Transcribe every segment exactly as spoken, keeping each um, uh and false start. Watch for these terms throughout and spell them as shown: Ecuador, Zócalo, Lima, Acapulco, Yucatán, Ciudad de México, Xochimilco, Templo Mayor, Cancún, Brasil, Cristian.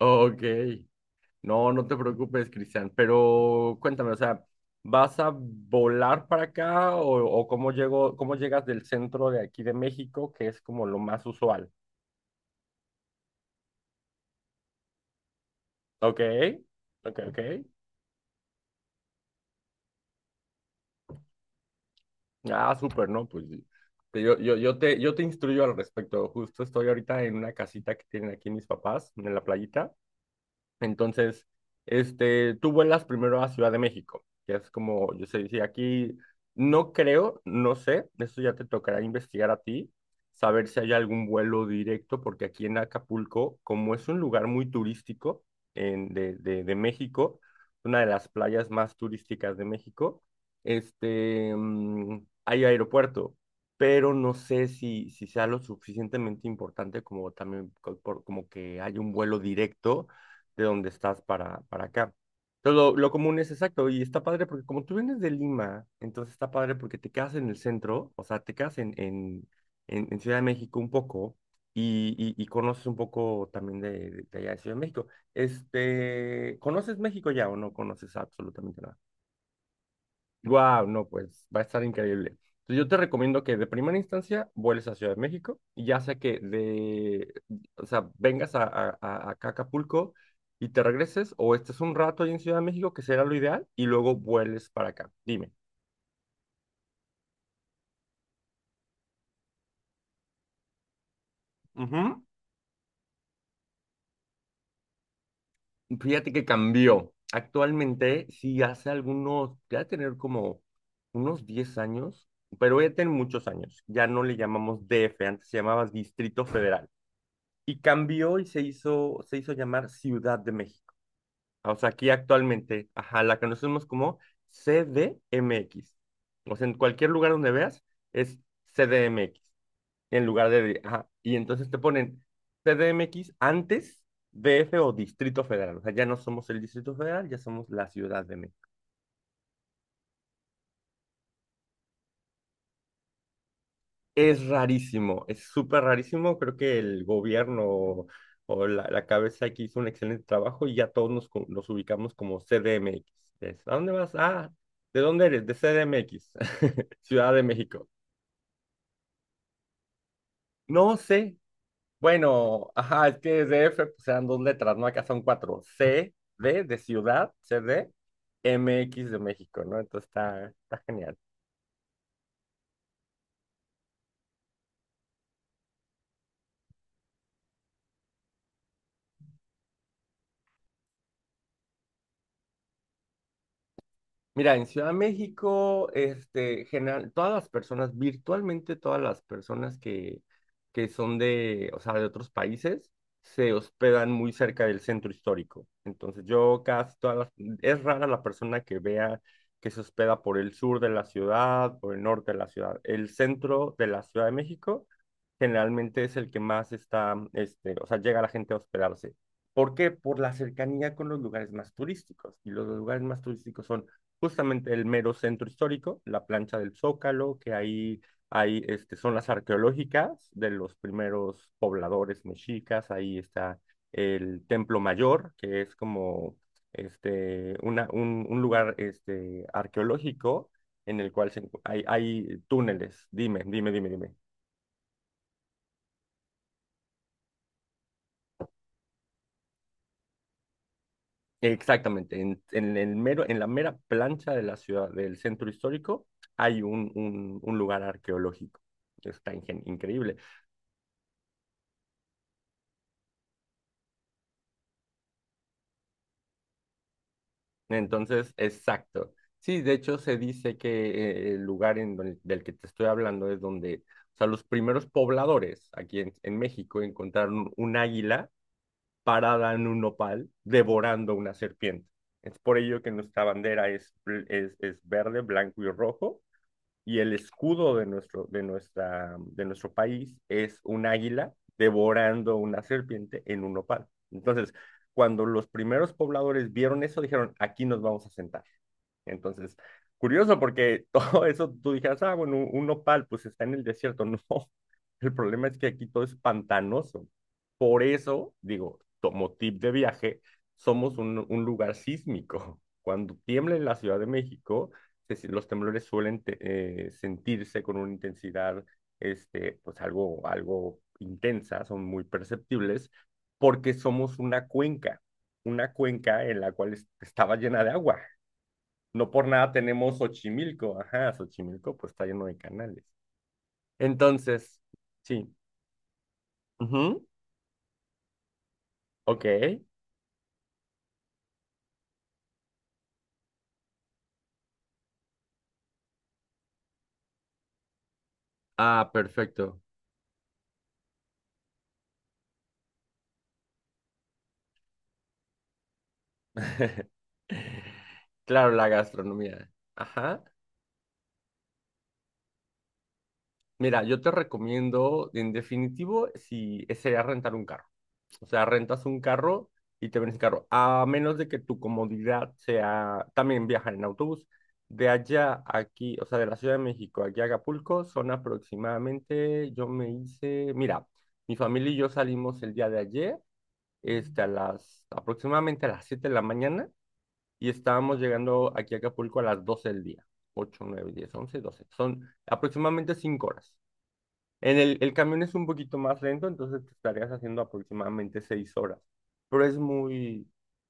Ok, no, no te preocupes, Cristian, pero cuéntame, o sea, ¿vas a volar para acá o, o cómo llego, cómo llegas del centro de aquí de México, que es como lo más usual? Ok, ok, ok. Ah, súper, ¿no? Pues yo, yo, yo te, yo te instruyo al respecto. Justo estoy ahorita en una casita que tienen aquí mis papás, en la playita. Entonces, este, tú vuelas primero a Ciudad de México, que es como, yo sé, si aquí no creo, no sé, eso ya te tocará investigar a ti, saber si hay algún vuelo directo, porque aquí en Acapulco, como es un lugar muy turístico en, de, de, de México, una de las playas más turísticas de México, este, mm, hay aeropuerto, pero no sé si, si sea lo suficientemente importante como también co- por- como que haya un vuelo directo de donde estás para, para acá. Entonces, lo, lo común es exacto, y está padre porque como tú vienes de Lima, entonces está padre porque te quedas en el centro, o sea, te quedas en, en, en, en Ciudad de México un poco y, y, y conoces un poco también de, de allá de Ciudad de México. Este, ¿conoces México ya o no conoces absolutamente nada? Wow, no, pues va a estar increíble. Entonces, yo te recomiendo que de primera instancia vueles a Ciudad de México, y ya sea que de, o sea, vengas a, a- a- acá a Acapulco y te regreses, o estés un rato ahí en Ciudad de México, que será lo ideal, y luego vueles para acá. Dime. Ujú. Fíjate que cambió. Actualmente, sí, hace algunos, ya de tener como unos diez años, pero ya tiene muchos años. Ya no le llamamos D F, antes se llamaba Distrito Federal. Y cambió y se hizo, se hizo llamar Ciudad de México. O sea, aquí actualmente, ajá, la conocemos como C D M X. O sea, en cualquier lugar donde veas es C D M X, en lugar de, ajá, y entonces te ponen C D M X antes D F o Distrito Federal. O sea, ya no somos el Distrito Federal, ya somos la Ciudad de México. Es rarísimo, es súper rarísimo. Creo que el gobierno o la, la cabeza aquí hizo un excelente trabajo y ya todos nos, co- nos ubicamos como C D M X. Es, ¿A dónde vas? Ah, ¿de dónde eres? De C D M X, Ciudad de México. No sé. Bueno, ajá, es que D F pues eran dos letras, ¿no? Acá son cuatro. C, D de ciudad, C D, M X de México, ¿no? Entonces está, está genial. Mira, en Ciudad de México, este, general, todas las personas, virtualmente todas las personas que, que son de, o sea, de otros países, se hospedan muy cerca del centro histórico. Entonces, yo casi todas las, es rara la persona que vea que se hospeda por el sur de la ciudad, por el norte de la ciudad. El centro de la Ciudad de México generalmente es el que más está, este, o sea, llega la gente a hospedarse. ¿Por qué? Por la cercanía con los lugares más turísticos. Y los lugares más turísticos son justamente el mero centro histórico, la plancha del Zócalo, que ahí, ahí este, son las arqueológicas de los primeros pobladores mexicas, ahí está el Templo Mayor, que es como este, una, un, un lugar este, arqueológico en el cual se, hay, hay túneles. Dime, dime, dime, dime. Exactamente, en, en el mero, en la mera plancha de la ciudad, del centro histórico, hay un, un, un lugar arqueológico. Está ingen- increíble. Entonces, exacto. Sí, de hecho se dice que eh, el lugar en donde- del que te estoy hablando es donde, o sea, los primeros pobladores aquí en, en México encontraron un águila parada en un nopal devorando una serpiente. Es por ello que nuestra bandera es, bl- es, es verde, blanco y rojo, y el escudo de nuestro, de nuestra, de nuestro país es un águila devorando una serpiente en un nopal. Entonces, cuando los primeros pobladores vieron eso, dijeron, aquí nos vamos a sentar. Entonces, curioso porque todo eso tú dijeras, ah, bueno, un un nopal pues está en el desierto. No, el problema es que aquí todo es pantanoso. Por eso, digo, como tip de viaje, somos un, un lugar sísmico. Cuando tiembla en la Ciudad de México, se si- los temblores suelen te- eh, sentirse con una intensidad, este, pues algo, algo intensa, son muy perceptibles, porque somos una cuenca, una cuenca en la cual es- estaba llena de agua. No por nada tenemos Xochimilco. Ajá, Xochimilco pues está lleno de canales. Entonces, sí. Ujú. Ok. Ah, perfecto. Claro, la gastronomía. Ajá. Mira, yo te recomiendo, en definitivo, si eh, sería rentar un carro. O sea, rentas un carro y te vienes en carro. A menos de que tu comodidad sea también viajar en autobús. De allá a aquí, o sea, de la Ciudad de México aquí a Acapulco, son aproximadamente, yo me hice, mira, mi familia y yo salimos el día de ayer, este, a las, aproximadamente a las siete de la mañana y estábamos llegando aquí a Acapulco a las doce del día. Ocho, nueve, diez, once, doce. Son aproximadamente cinco horas. En el, el camión es un poquito más lento, entonces te estarías haciendo aproximadamente seis horas. Pero es muy...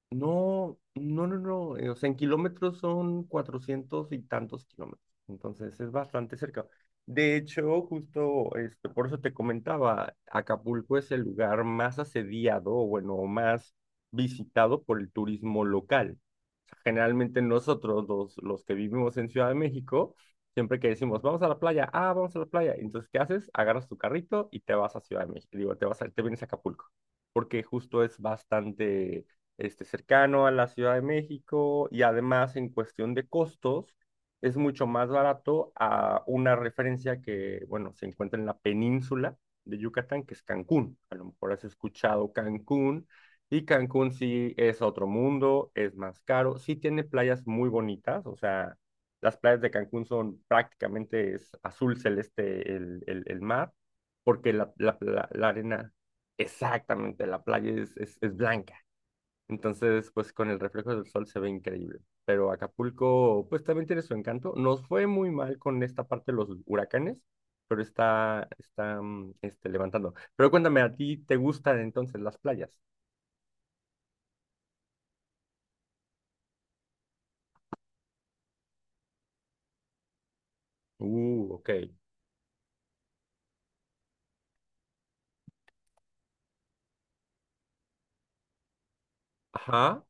No, no, no, no. eh, O sea, en kilómetros son cuatrocientos y tantos kilómetros. Entonces es bastante cerca. De hecho, justo este, por eso te comentaba, Acapulco es el lugar más asediado, o bueno, más visitado por el turismo local. O sea, generalmente nosotros, los, los que vivimos en Ciudad de México, siempre que decimos, vamos a la playa, ah, vamos a la playa. Entonces, ¿qué haces? Agarras tu carrito y te vas a Ciudad de México. Digo, te vas a- te vienes a Acapulco, porque justo es bastante este, cercano a la Ciudad de México y además en cuestión de costos es mucho más barato a una referencia que, bueno, se encuentra en la península de Yucatán, que es Cancún. A lo mejor has escuchado Cancún y Cancún sí es otro mundo, es más caro, sí tiene playas muy bonitas, o sea las playas de Cancún son prácticamente es azul celeste el, el, el mar, porque la, la, la- la arena, exactamente, la playa es, es, es blanca. Entonces, pues con el reflejo del sol se ve increíble. Pero Acapulco, pues también tiene su encanto. Nos fue muy mal con esta parte de los huracanes, pero está, está mm, este, levantando. Pero cuéntame, ¿a ti te gustan entonces las playas? Uh, ok. Ajá,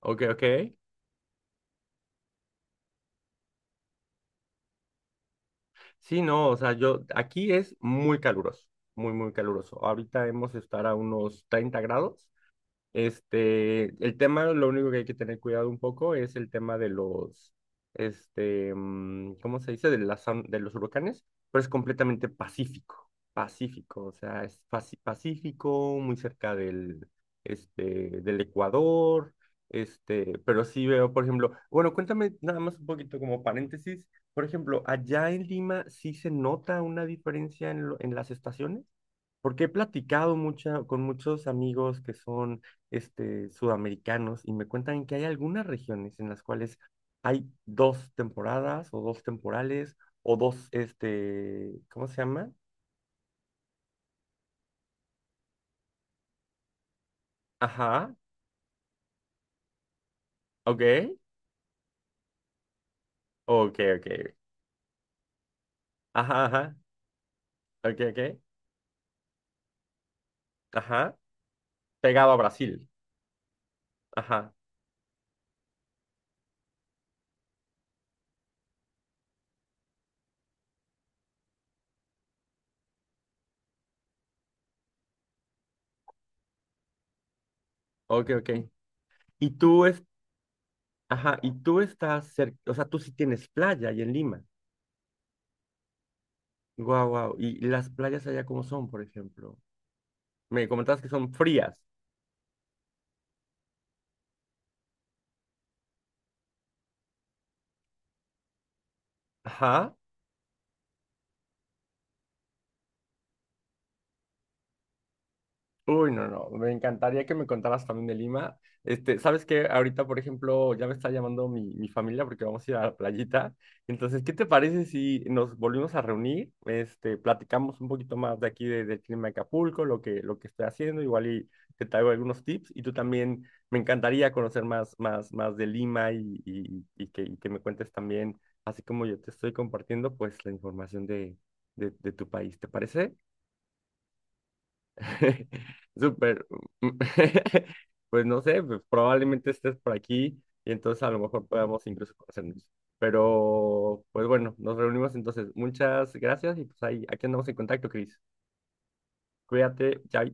ok, ok. Sí, no, o sea, yo, aquí es muy caluroso, muy, muy caluroso. Ahorita hemos de estar a unos treinta grados este, el tema, lo único que hay que tener cuidado un poco es el tema de los, este, mm, ¿cómo se dice? De las, on- de los huracanes, pero es completamente pacífico, pacífico, o sea, es paci- pacífico, muy cerca del, este, del Ecuador, este, pero sí veo, por ejemplo, bueno, cuéntame nada más un poquito como paréntesis, por ejemplo, allá en Lima sí se nota una diferencia en, lo- en las estaciones porque he platicado mucha, con muchos amigos que son este, sudamericanos y me cuentan que hay algunas regiones en las cuales hay dos temporadas o dos temporales o dos, este, ¿cómo se llama? Ajá, ok, ok, ok, ajá, ajá, ok, ok, ajá, pegado a Brasil, ajá, ok, ok. Y tú, es, ajá, y tú estás cerca, o sea, tú sí tienes playa ahí en Lima. Guau, guau. ¿Y las playas allá cómo son, por ejemplo? Me comentabas que son frías. Ajá. Uy, no, no, me encantaría que me contaras también de Lima. Este, ¿sabes qué? Ahorita, por ejemplo, ya me está llamando mi, mi familia porque vamos a ir a la playita. Entonces, ¿qué te parece si nos volvimos a reunir? Este, platicamos un poquito más de aquí de- del clima de Acapulco, lo que, lo que estoy haciendo, igual y te traigo algunos tips. Y tú también, me encantaría conocer más, más, más de Lima y, y, y que, y que me cuentes también, así como yo te estoy compartiendo, pues la información de, de, de tu país. ¿Te parece? Súper. Pues no sé, pues, probablemente estés por aquí y entonces a lo mejor podamos incluso conocernos. Pero, pues bueno, nos reunimos entonces. Muchas gracias y pues ahí, aquí andamos en contacto, Cris. Cuídate, chao.